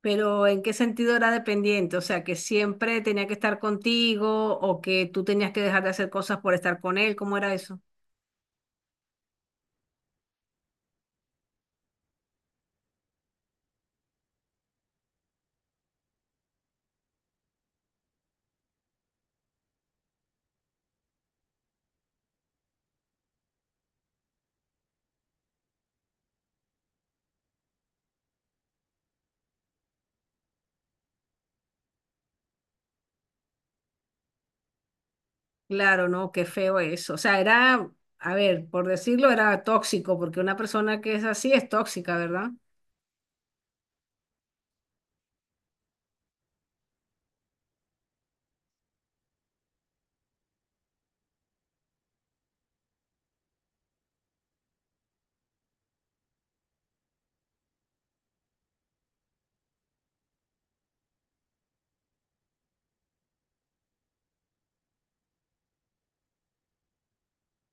Pero ¿en qué sentido era dependiente? O sea, ¿que siempre tenía que estar contigo o que tú tenías que dejar de hacer cosas por estar con él? ¿Cómo era eso? Claro, no, qué feo eso. O sea, era, a ver, por decirlo, era tóxico, porque una persona que es así es tóxica, ¿verdad?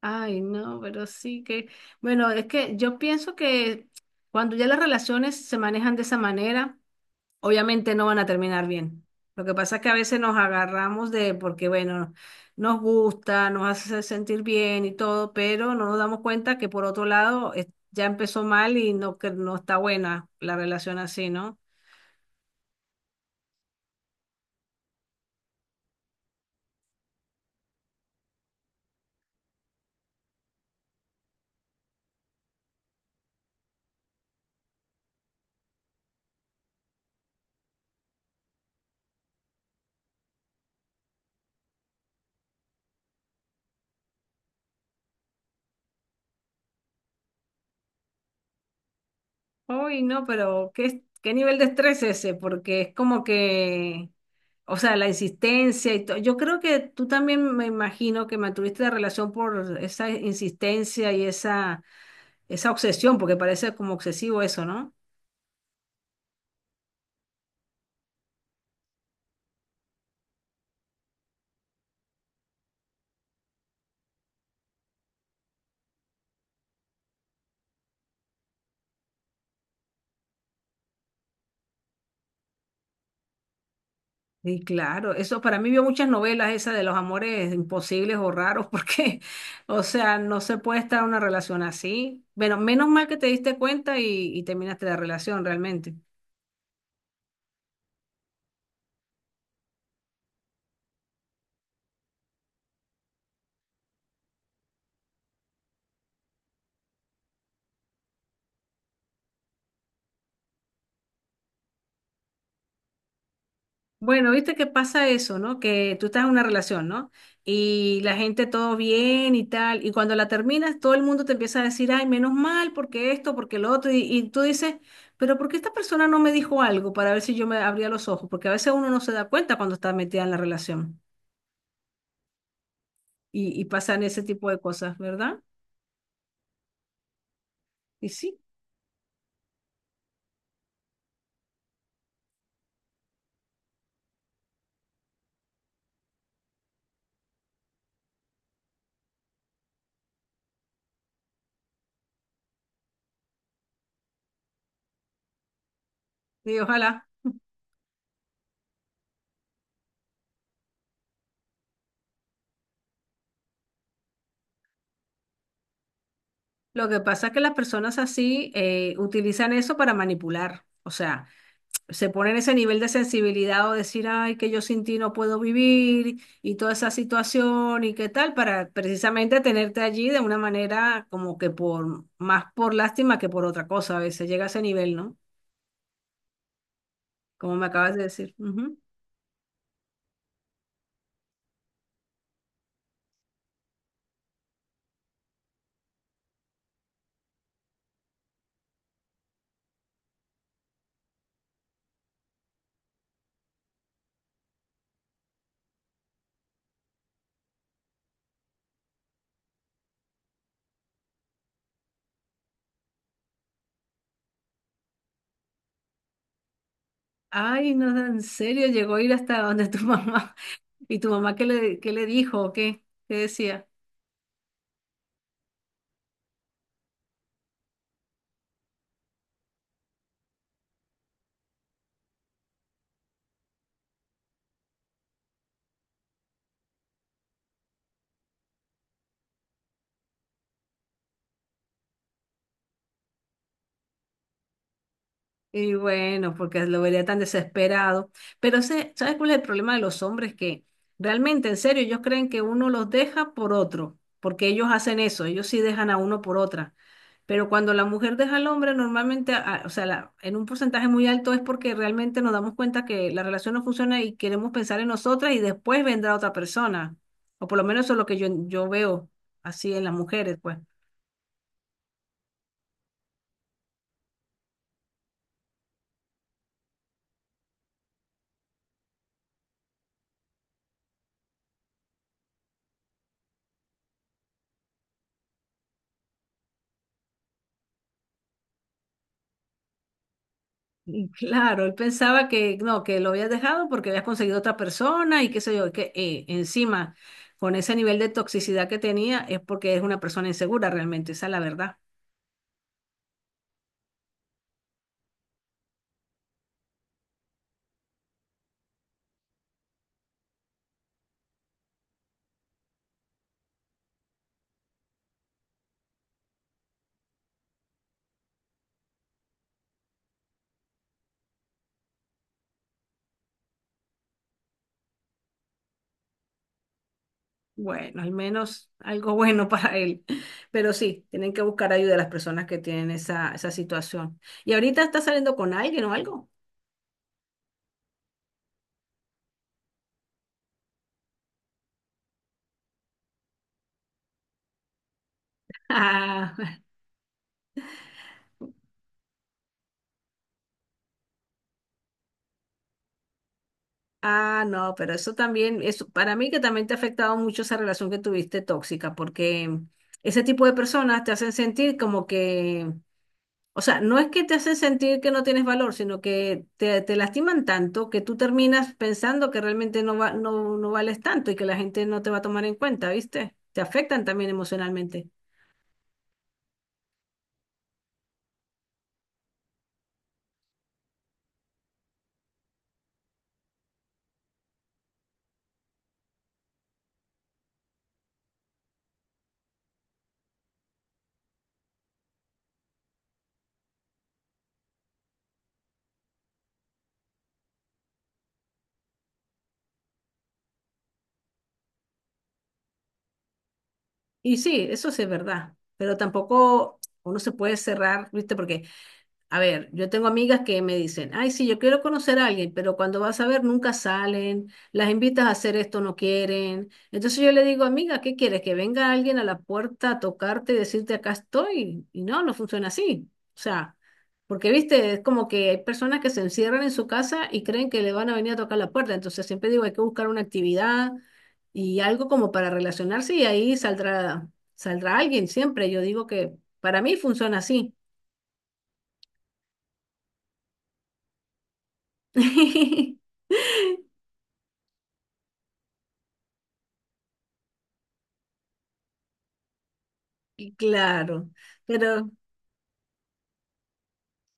Ay, no, pero sí que, bueno, es que yo pienso que cuando ya las relaciones se manejan de esa manera, obviamente no van a terminar bien. Lo que pasa es que a veces nos agarramos de, porque bueno, nos gusta, nos hace sentir bien y todo, pero no nos damos cuenta que por otro lado es- ya empezó mal y no, que no está buena la relación así, ¿no? Uy, no, pero ¿qué, qué nivel de estrés es ese? Porque es como que, o sea, la insistencia y todo. Yo creo que tú también, me imagino que mantuviste la relación por esa insistencia y esa obsesión, porque parece como obsesivo eso, ¿no? Sí, claro, eso para mí vio muchas novelas esa de los amores imposibles o raros porque, o sea, no se puede estar en una relación así. Bueno, menos mal que te diste cuenta y terminaste la relación realmente. Bueno, viste que pasa eso, ¿no? Que tú estás en una relación, ¿no? Y la gente todo bien y tal, y cuando la terminas todo el mundo te empieza a decir, ay, menos mal porque esto, porque lo otro, y tú dices, pero ¿por qué esta persona no me dijo algo para ver si yo me abría los ojos? Porque a veces uno no se da cuenta cuando está metida en la relación. Y, y pasan ese tipo de cosas, ¿verdad? Y sí, y ojalá. Lo que pasa es que las personas así utilizan eso para manipular. O sea, se ponen ese nivel de sensibilidad o decir, ay, que yo sin ti no puedo vivir y toda esa situación y qué tal, para precisamente tenerte allí de una manera como que por más por lástima que por otra cosa. A veces llega a ese nivel, ¿no? Como me acabas de decir. Ujú. Ay, no, en serio, ¿llegó a ir hasta donde tu mamá? ¿Y tu mamá qué le dijo o qué? ¿Qué decía? Y bueno, porque lo vería tan desesperado. Pero sé, ¿sabes cuál es el problema de los hombres? Que realmente, en serio, ellos creen que uno los deja por otro, porque ellos hacen eso, ellos sí dejan a uno por otra. Pero cuando la mujer deja al hombre, normalmente, a- o sea, la- en un porcentaje muy alto es porque realmente nos damos cuenta que la relación no funciona y queremos pensar en nosotras y después vendrá otra persona. O por lo menos eso es lo que yo veo así en las mujeres, pues. Y claro, él pensaba que no, que lo habías dejado porque habías conseguido otra persona y qué sé yo, que encima con ese nivel de toxicidad que tenía es porque es una persona insegura realmente, esa es la verdad. Bueno, al menos algo bueno para él. Pero sí, tienen que buscar ayuda a las personas que tienen esa, esa situación. ¿Y ahorita está saliendo con alguien o algo? Ah, ah, no, pero eso también, eso, para mí que también te ha afectado mucho esa relación que tuviste tóxica, porque ese tipo de personas te hacen sentir como que, o sea, no es que te hacen sentir que no tienes valor, sino que te lastiman tanto que tú terminas pensando que realmente no, va, no, no vales tanto y que la gente no te va a tomar en cuenta, ¿viste? Te afectan también emocionalmente. Y sí, eso sí es verdad, pero tampoco uno se puede cerrar, ¿viste? Porque, a ver, yo tengo amigas que me dicen, ay, sí, yo quiero conocer a alguien, pero cuando vas a ver nunca salen, las invitas a hacer esto, no quieren. Entonces yo le digo, amiga, ¿qué quieres? ¿Que venga alguien a la puerta a tocarte y decirte acá estoy? Y no, no funciona así. O sea, porque viste, es como que hay personas que se encierran en su casa y creen que le van a venir a tocar la puerta. Entonces siempre digo, hay que buscar una actividad y algo como para relacionarse y ahí saldrá, saldrá alguien siempre. Yo digo que para mí funciona así. Y claro, pero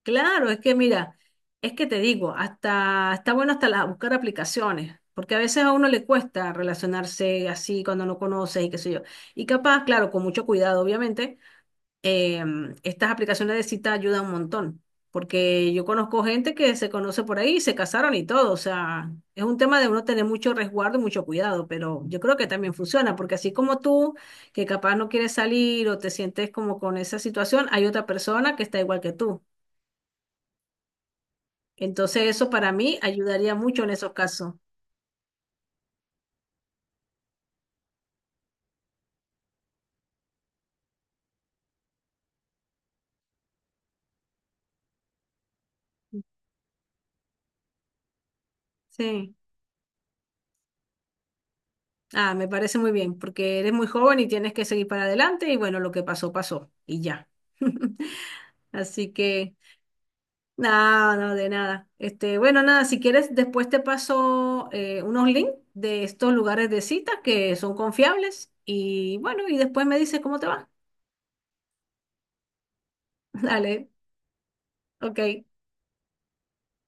claro, es que mira, es que te digo, hasta está bueno hasta la- buscar aplicaciones, porque a veces a uno le cuesta relacionarse así cuando no conoces y qué sé yo. Y capaz, claro, con mucho cuidado, obviamente, eh, estas aplicaciones de cita ayudan un montón, porque yo conozco gente que se conoce por ahí, se casaron y todo, o sea, es un tema de uno tener mucho resguardo y mucho cuidado, pero yo creo que también funciona, porque así como tú, que capaz no quieres salir o te sientes como con esa situación, hay otra persona que está igual que tú. Entonces eso para mí ayudaría mucho en esos casos. Sí. Ah, me parece muy bien, porque eres muy joven y tienes que seguir para adelante y bueno, lo que pasó, pasó y ya. Así que... No, no, de nada. Este, bueno, nada, si quieres, después te paso unos links de estos lugares de citas que son confiables y bueno, y después me dices cómo te va. Dale, ok.